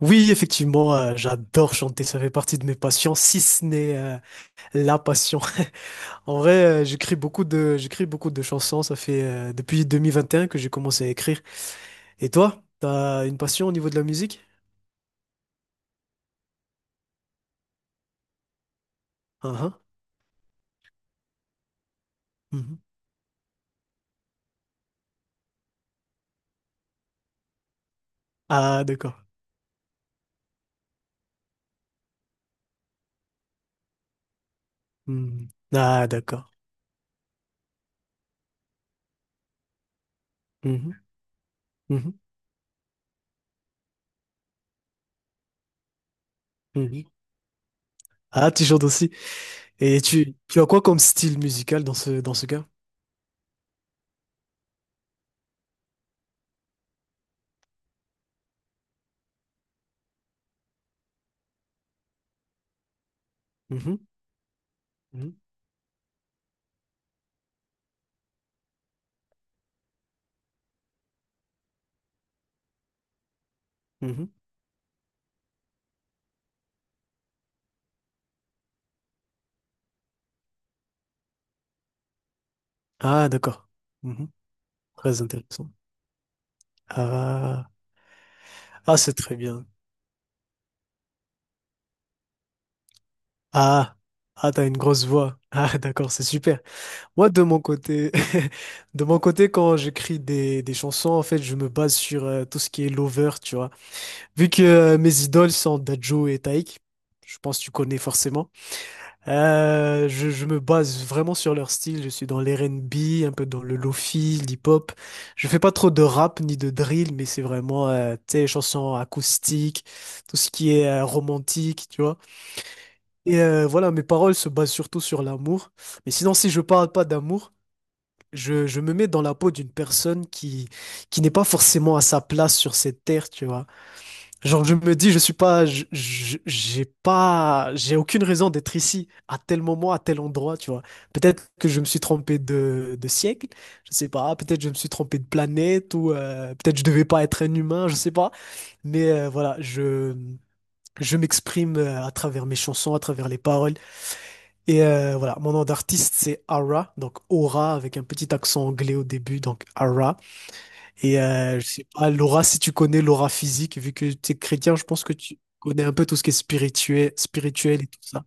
Oui, effectivement, j'adore chanter, ça fait partie de mes passions, si ce n'est la passion. En vrai, j'écris beaucoup de chansons, ça fait depuis 2021 que j'ai commencé à écrire. Et toi, t'as une passion au niveau de la musique? Ah, ah, mhm. Ah, d'accord. Mhm. Ah, d'accord. Mhm, mhm, mhm. Ah, tu chantes aussi. Et tu as quoi comme style musical dans ce cas? Mhm, mhm, mhm. Ah, d'accord. Mhm. Très intéressant. Ah, ah, c'est très bien. Ah, ah, t'as une grosse voix. Ah, d'accord, c'est super. Moi, de mon côté, de mon côté, quand j'écris des chansons, en fait, je me base sur tout ce qui est lover, tu vois. Vu que mes idoles sont Dadju et Taïk, je pense que tu connais forcément. Je me base vraiment sur leur style. Je suis dans l'R&B, un peu dans le lofi, l'hip-hop. Je fais pas trop de rap ni de drill, mais c'est vraiment, tu sais, chansons acoustiques, tout ce qui est romantique, tu vois. Et voilà, mes paroles se basent surtout sur l'amour. Mais sinon, si je parle pas d'amour, je me mets dans la peau d'une personne qui n'est pas forcément à sa place sur cette terre, tu vois. Genre, je me dis, je suis pas, j'ai pas, j'ai aucune raison d'être ici, à tel moment, à tel endroit, tu vois. Peut-être que je me suis trompé de siècle, je sais pas. Peut-être je me suis trompé de planète, ou peut-être je devais pas être un humain, je sais pas. Mais voilà, je m'exprime à travers mes chansons, à travers les paroles. Et voilà, mon nom d'artiste c'est Ara, donc Aura avec un petit accent anglais au début, donc Ara. Et je sais pas, Laura, si tu connais l'aura physique, vu que tu es chrétien, je pense que tu connais un peu tout ce qui est spirituel, spirituel et tout ça.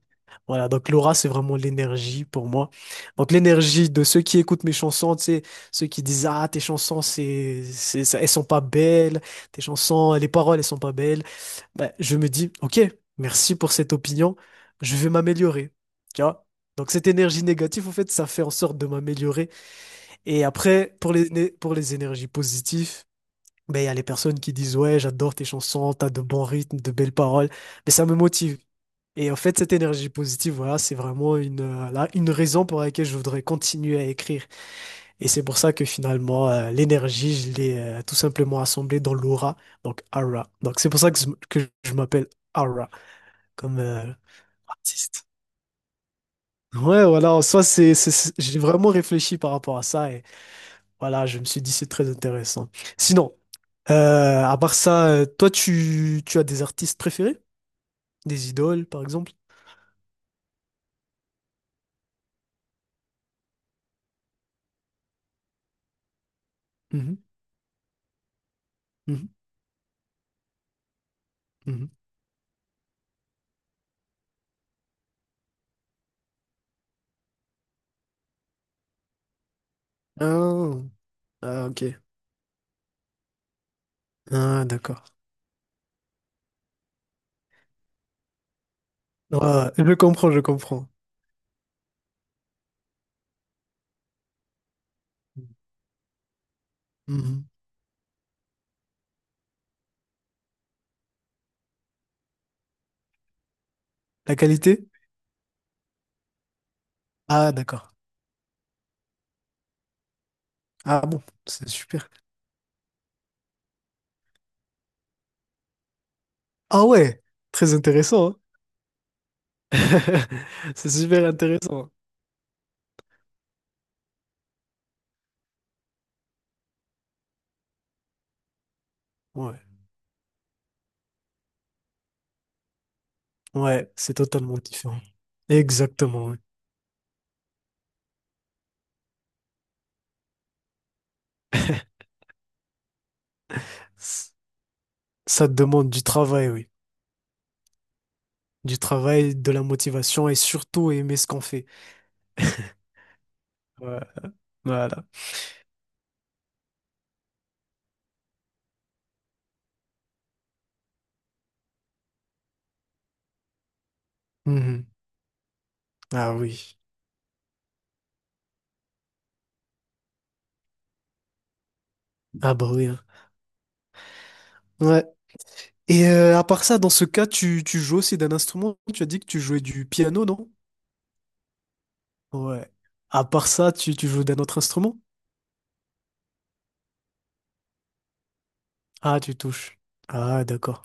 Voilà, donc l'aura c'est vraiment l'énergie pour moi. Donc l'énergie de ceux qui écoutent mes chansons, tu sais, ceux qui disent ah tes chansons elles sont pas belles, tes chansons, les paroles elles sont pas belles ben, je me dis, ok, merci pour cette opinion, je vais m'améliorer. Tu vois? Donc cette énergie négative, en fait, ça fait en sorte de m'améliorer. Et après, pour pour les énergies positives, ben, il y a les personnes qui disent, ouais, j'adore tes chansons, t'as de bons rythmes, de belles paroles, mais ça me motive. Et en fait, cette énergie positive, voilà, c'est vraiment une raison pour laquelle je voudrais continuer à écrire. Et c'est pour ça que finalement, l'énergie, je l'ai tout simplement assemblée dans l'aura, donc aura. Donc c'est pour ça que je m'appelle Aura comme artiste. Ouais, voilà, en soi, j'ai vraiment réfléchi par rapport à ça et voilà, je me suis dit c'est très intéressant. Sinon, à part ça, toi, tu as des artistes préférés? Des idoles, par exemple? Mhm, mhm, mhm. Ah, ah, ok. Ah, d'accord. Ah, je comprends, je comprends. Mhm. La qualité? Ah, d'accord. Ah bon, c'est super. Ah ouais, très intéressant. Hein. C'est super intéressant. Ouais. Ouais, c'est totalement différent. Exactement, oui. S- Ça te demande du travail, oui. Du travail, de la motivation et surtout aimer ce qu'on fait. Ouais, voilà. Mhm. Ah oui. Ah bah oui. Hein. Ouais. Et à part ça, dans ce cas, tu joues aussi d'un instrument? Tu as dit que tu jouais du piano, non? Ouais. À part ça, tu joues d'un autre instrument? Ah, tu touches. Ah, d'accord.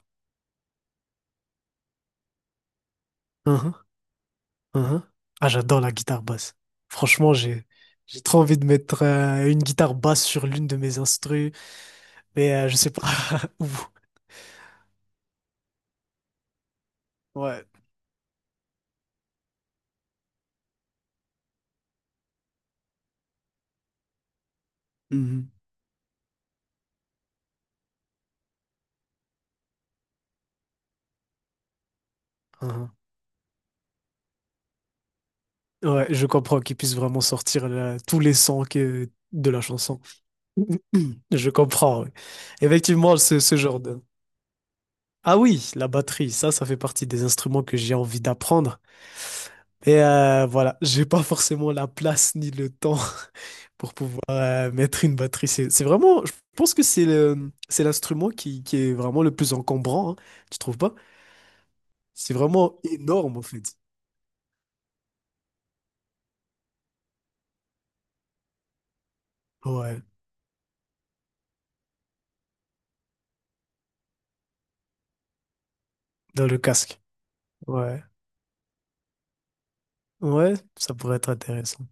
Hein. Ah, j'adore la guitare basse. Franchement, j'ai trop envie de mettre une guitare basse sur l'une de mes instrus, mais je sais pas où. Ouais. Mhm. Hein. Ouais, je comprends qu'ils puissent vraiment sortir tous les sons de la chanson. Je comprends, ouais. Effectivement, ce genre de. Ah oui, la batterie, ça fait partie des instruments que j'ai envie d'apprendre. Et voilà, j'ai pas forcément la place ni le temps pour pouvoir mettre une batterie. C'est vraiment, je pense que c'est l'instrument qui est vraiment le plus encombrant, hein, tu trouves pas? C'est vraiment énorme en fait. Ouais, dans le casque. Ouais, ouais, ça pourrait être intéressant.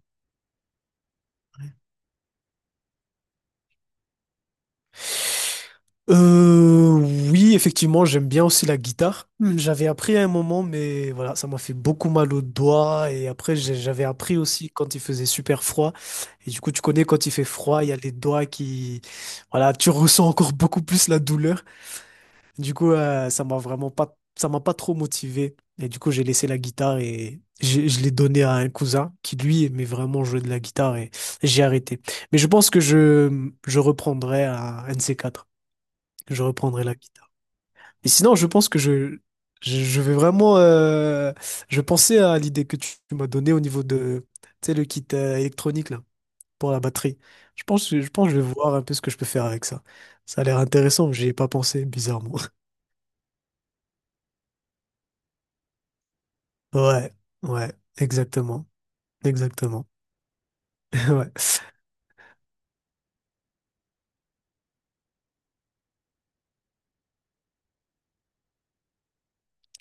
Euh, oui, effectivement, j'aime bien aussi la guitare. J'avais appris à un moment, mais voilà, ça m'a fait beaucoup mal aux doigts. Et après, j'avais appris aussi quand il faisait super froid. Et du coup, tu connais, quand il fait froid, il y a les doigts qui, voilà, tu ressens encore beaucoup plus la douleur. Du coup, ça m'a pas trop motivé. Et du coup, j'ai laissé la guitare et je l'ai donnée à un cousin qui, lui, aimait vraiment jouer de la guitare et j'ai arrêté. Mais je pense que je reprendrai un de ces quatre que je reprendrai la guitare. Et sinon, je pense que je, je vais vraiment... euh, je pensais à l'idée que tu m'as donnée au niveau de, tu sais, le kit électronique là, pour la batterie. Je pense que je vais voir un peu ce que je peux faire avec ça. Ça a l'air intéressant, mais j'y ai pas pensé, bizarrement. Ouais, ouais, exactement. Exactement. Ouais.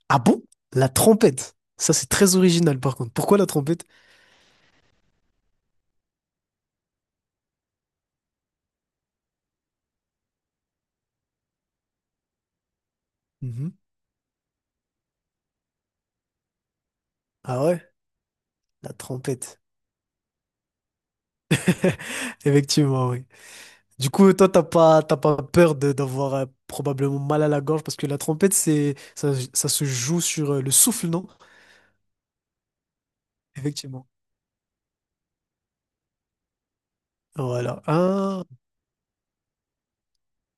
Ah bon? La trompette. Ça, c'est très original, par contre. Pourquoi la trompette? Mhm. Ah ouais? La trompette. Effectivement, oui. Du coup, toi, t'as pas peur d'avoir probablement mal à la gorge parce que la trompette, ça se joue sur le souffle, non? Effectivement. Voilà. Ah,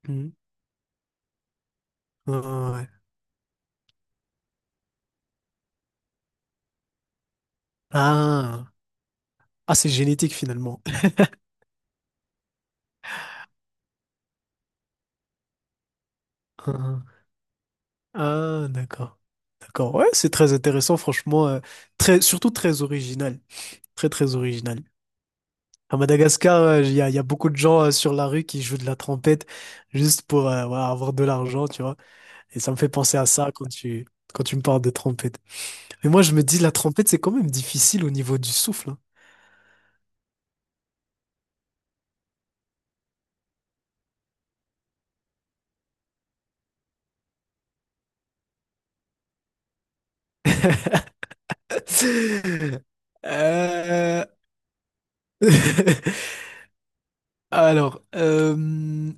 mhm. Ah, ouais. Ah, ah, c'est génétique finalement. Ah, ah, d'accord. D'accord. Ouais, c'est très intéressant, franchement. Surtout très original. Très, très original. À Madagascar, y a beaucoup de gens sur la rue qui jouent de la trompette juste pour voilà, avoir de l'argent, tu vois. Et ça me fait penser à ça quand quand tu me parles de trompette. Mais moi, je me dis, la trompette, c'est quand même difficile au niveau du souffle. Hein. Euh, Alors,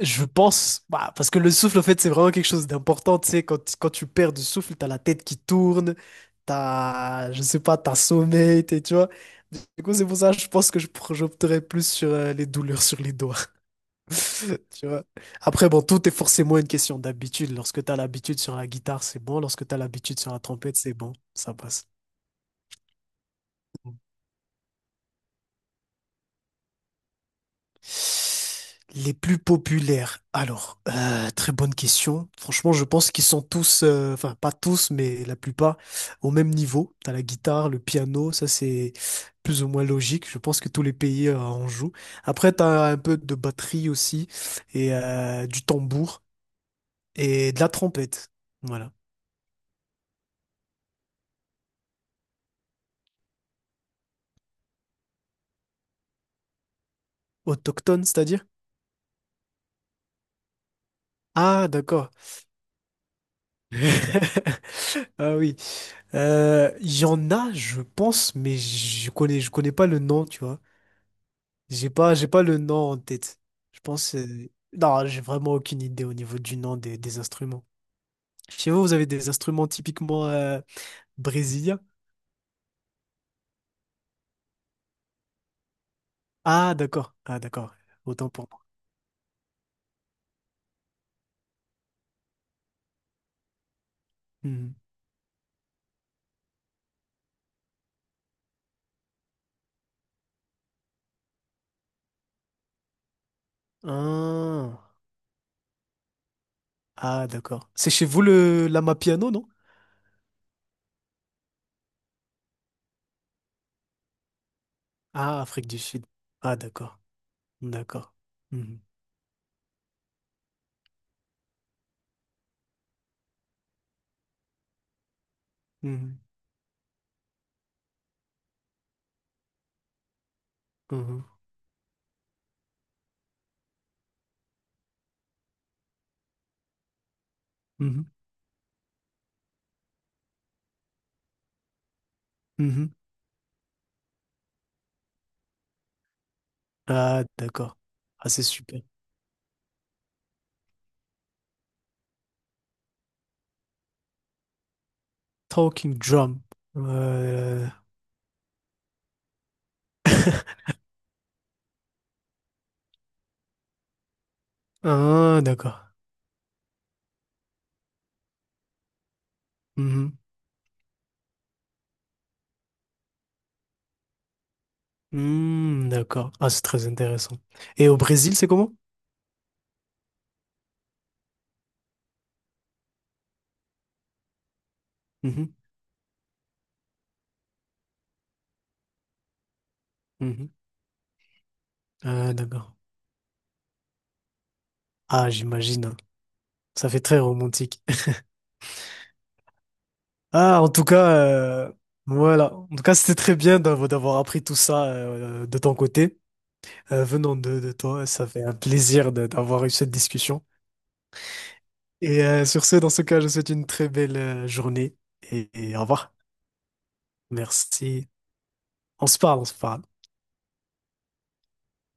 je pense, bah, parce que le souffle, en fait, c'est vraiment quelque chose d'important. Tu sais, quand tu perds du souffle, t'as la tête qui tourne, t'as, je sais pas, t'as sommeil, tu vois. Du coup, c'est pour ça, je pense que j'opterais plus sur les douleurs sur les doigts. Tu vois. Après, bon, tout est forcément une question d'habitude. Lorsque tu as l'habitude sur la guitare, c'est bon. Lorsque tu as l'habitude sur la trompette, c'est bon. Ça passe. Les plus populaires. Alors, très bonne question. Franchement, je pense qu'ils sont tous, enfin, pas tous, mais la plupart, au même niveau. T'as la guitare, le piano, ça c'est plus ou moins logique. Je pense que tous les pays en jouent. Après, t'as un peu de batterie aussi, et du tambour, et de la trompette. Voilà. Autochtone, c'est-à-dire? Ah, d'accord. Ah oui. Il y en a, je pense, mais je connais pas le nom, tu vois. J'ai pas le nom en tête. Je pense. Non, j'ai vraiment aucune idée au niveau du nom des instruments. Chez vous, vous avez des instruments typiquement brésiliens? Ah, d'accord. Ah, d'accord. Autant pour moi. Hmm. Ah, ah, d'accord. C'est chez vous le l'amapiano, non? Ah, Afrique du Sud. Ah, d'accord. D'accord. Mhm. Mhm. Mhm, mhm, mhm. Ah, d'accord. Ah, c'est super. Talking drum. Euh, Ah, d'accord. Mhm. Hmm, d'accord. Ah, c'est très intéressant. Et au Brésil, c'est comment? Mhm, mhm. Ah, d'accord. Ah, j'imagine. Hein. Ça fait très romantique. Ah, en tout cas, voilà. En tout cas, c'était très bien d'avoir appris tout ça de ton côté. Venant de toi, ça fait un plaisir d'avoir eu cette discussion. Et sur ce, dans ce cas, je vous souhaite une très belle journée et au revoir. Merci. On se parle, on se parle.